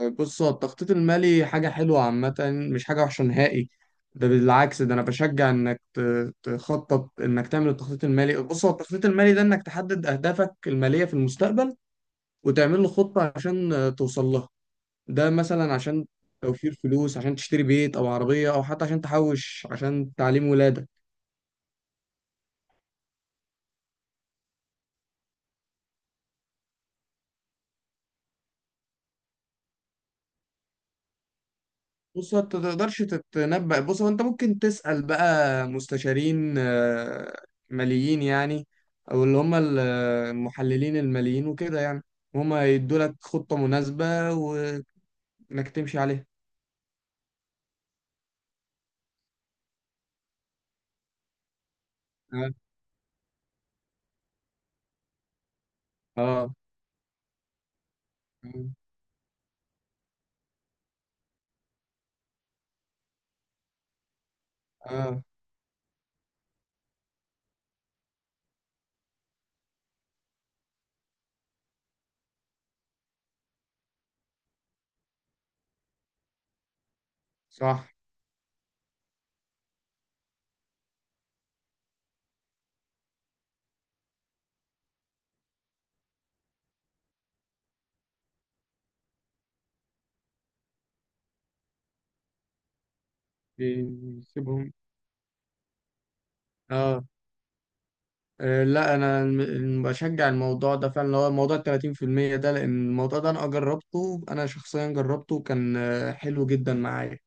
بص، هو التخطيط المالي حاجة حلوة عامة، مش حاجة وحشة نهائي. ده بالعكس، ده أنا بشجع إنك تخطط، إنك تعمل التخطيط المالي. بص، هو التخطيط المالي ده إنك تحدد أهدافك المالية في المستقبل، وتعمل له خطة عشان توصل لها. ده مثلا عشان توفير فلوس عشان تشتري بيت أو عربية، أو حتى عشان تحوش عشان تعليم ولادك. بص، انت تقدرش تتنبأ. بص، هو انت ممكن تسأل بقى مستشارين ماليين يعني، او اللي هم المحللين الماليين وكده يعني. هم يدوا لك خطة مناسبة، وانك تمشي عليها. اه. اه. اه. صح. بيسيبهم. اه. لا، انا بشجع الموضوع ده فعلا، اللي هو موضوع ال 30% ده. لان الموضوع ده انا جربته، انا شخصيا جربته وكان حلو جدا معايا.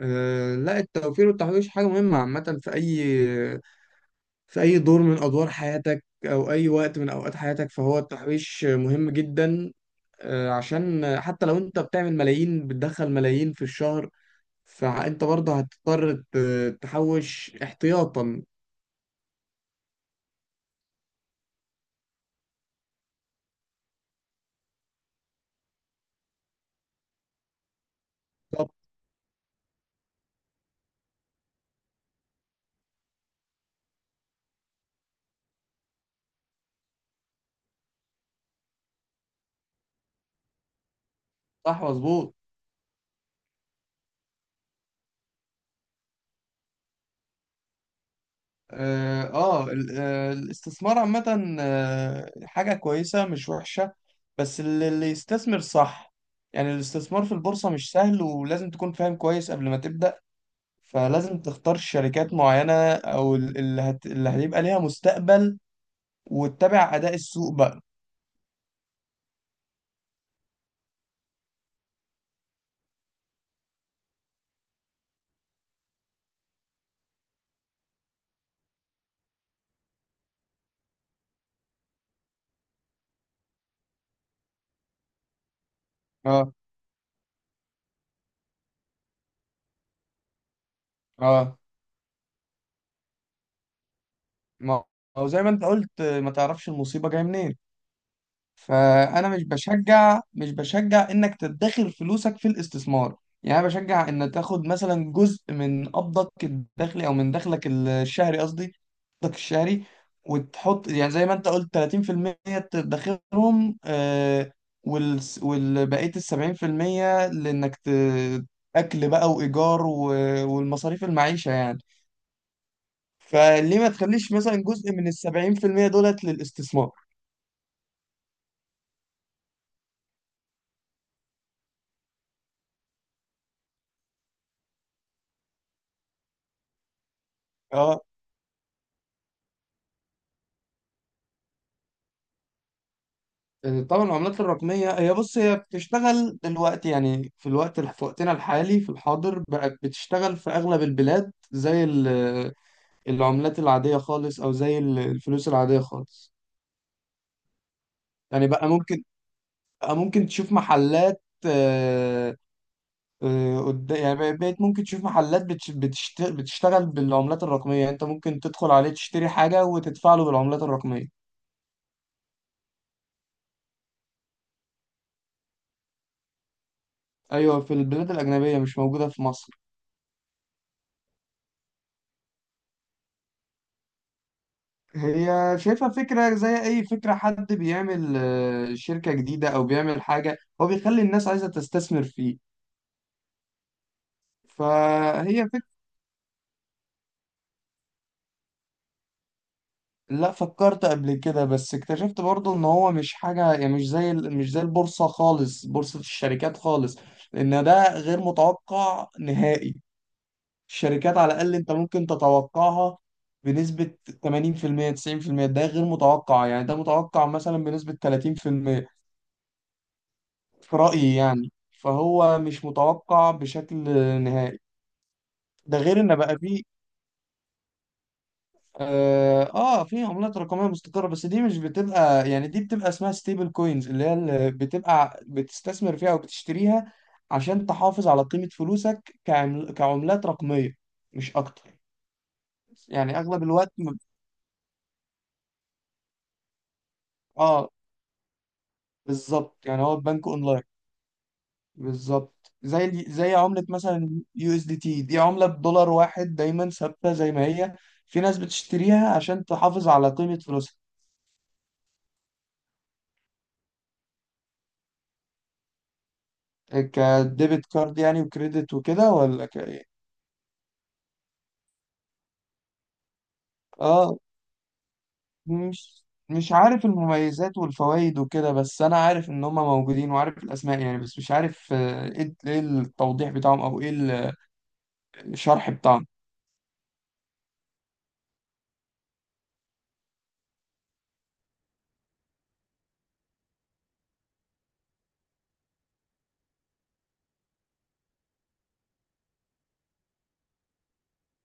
لا، التوفير والتحويش حاجة مهمة عامة في أي دور من أدوار حياتك، أو أي وقت من أوقات حياتك، فهو التحويش مهم جدا. عشان حتى لو أنت بتعمل ملايين، بتدخل ملايين في الشهر، فأنت برضه هتضطر تحوش احتياطا. طب. صح، مظبوط. اه. الاستثمار عامة حاجة كويسة مش وحشة، بس اللي يستثمر صح. يعني الاستثمار في البورصة مش سهل، ولازم تكون فاهم كويس قبل ما تبدأ. فلازم تختار شركات معينة، أو اللي هيبقى ليها مستقبل، وتتابع أداء السوق بقى. اه. اه. ما هو زي ما انت قلت، ما تعرفش المصيبة جاية منين. فانا مش بشجع انك تدخر فلوسك في الاستثمار. يعني انا بشجع ان تاخد مثلا جزء من قبضك الدخلي، او من دخلك الشهري، قصدي قبضك الشهري. وتحط يعني زي ما انت قلت 30%، تدخرهم. والبقيه ال 70%، لانك اكل بقى وايجار، والمصاريف المعيشه يعني. فليه ما تخليش مثلا جزء من ال 70% دولت للاستثمار؟ آه، طبعا، العملات الرقمية هي، بص، هي بتشتغل دلوقتي، يعني في وقتنا الحالي، في الحاضر، بقت بتشتغل في أغلب البلاد زي العملات العادية خالص، أو زي الفلوس العادية خالص. يعني بقى ممكن بقى ممكن تشوف محلات آه، يعني بقيت ممكن تشوف محلات بتشتغل بالعملات الرقمية، يعني أنت ممكن تدخل عليه، تشتري حاجة، وتدفع له بالعملات الرقمية. أيوة، في البلاد الأجنبية، مش موجودة في مصر. هي شايفها فكرة زي أي فكرة، حد بيعمل شركة جديدة أو بيعمل حاجة، هو بيخلي الناس عايزة تستثمر فيه، فهي فكرة. لا، فكرت قبل كده، بس اكتشفت برضو إن هو مش حاجة، يعني مش زي البورصة خالص، بورصة الشركات خالص. لأن ده غير متوقع نهائي. الشركات على الأقل أنت ممكن تتوقعها بنسبة 80% 90%. ده غير متوقع، يعني ده متوقع مثلا بنسبة 30% في رأيي يعني، فهو مش متوقع بشكل نهائي. ده غير ان بقى فيه. اه. في عملات رقميه مستقره، بس دي مش بتبقى، يعني دي بتبقى اسمها ستيبل كوينز، اللي هي اللي بتبقى بتستثمر فيها او بتشتريها عشان تحافظ على قيمه فلوسك كعملات رقميه، مش اكتر. يعني اغلب الوقت. اه. بالظبط، يعني هو البنك اونلاين. بالظبط، زي عملة مثلا USDT. دي عملة بدولار واحد دايما ثابتة زي ما هي. في ناس بتشتريها عشان تحافظ على قيمة فلوسها. كديبت كارد يعني، وكريدت وكده، ولا ك إيه؟ اه. مش عارف المميزات والفوائد وكده، بس انا عارف ان هم موجودين وعارف الاسماء يعني، بس مش عارف آه، ايه إيه التوضيح بتاعهم، او ايه الشرح بتاعهم.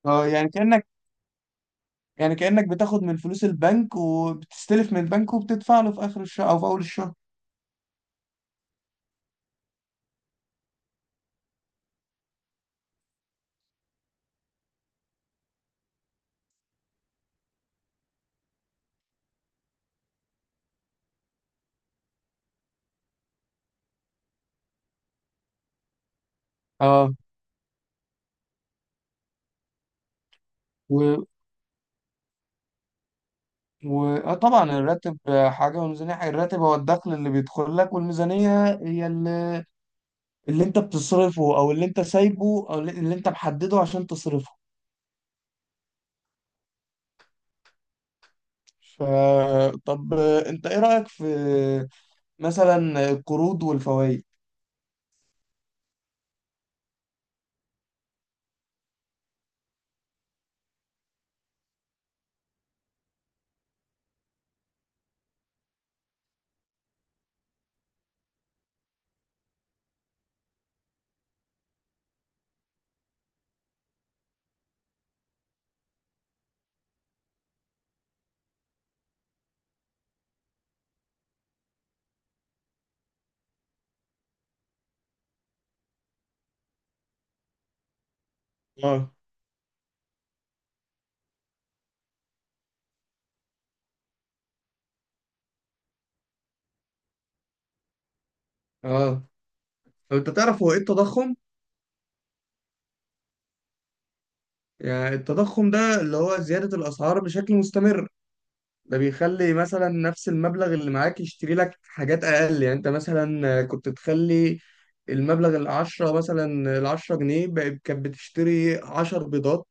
اه، يعني كأنك. يعني كأنك بتاخد من فلوس البنك، وبتستلف من البنك، وبتدفع له في اخر الشهر او في اول الشهر. اه. و... و... آه طبعا، الراتب حاجة والميزانية حاجة. الراتب هو الدخل اللي بيدخل لك، والميزانية هي اللي انت بتصرفه، او اللي انت سايبه، او اللي انت محدده عشان تصرفه. ف... طب، انت ايه رأيك في مثلا القروض والفوائد؟ اه. اه. طب، انت تعرف هو ايه التضخم؟ يعني التضخم ده اللي هو زيادة الأسعار بشكل مستمر. ده بيخلي مثلا نفس المبلغ اللي معاك يشتري لك حاجات أقل. يعني أنت مثلا كنت تخلي المبلغ العشرة، مثلا 10 جنيه بقت كانت بتشتري 10 بيضات،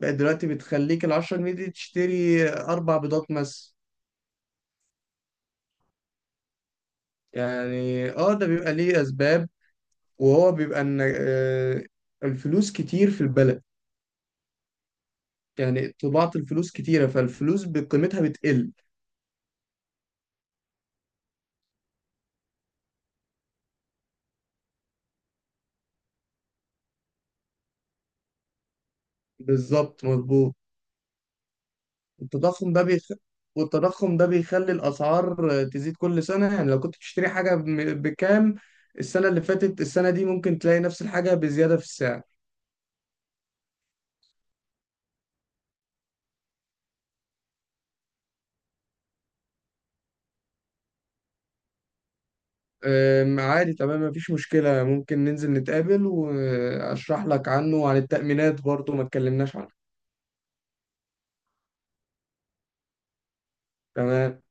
بقت دلوقتي بتخليك 10 جنيه دي تشتري أربع بيضات مثلا. يعني اه، ده بيبقى ليه أسباب، وهو بيبقى إن الفلوس كتير في البلد، يعني طباعة الفلوس كتيرة، فالفلوس بقيمتها بتقل. بالظبط، مظبوط. التضخم ده بيخ... والتضخم ده بيخلي الأسعار تزيد كل سنة، يعني لو كنت بتشتري حاجة بكام السنة اللي فاتت، السنة دي ممكن تلاقي نفس الحاجة بزيادة في السعر. عادي، تمام، مفيش مشكلة، ممكن ننزل نتقابل وأشرح لك عنه، وعن التأمينات برضو ما اتكلمناش عنه. تمام.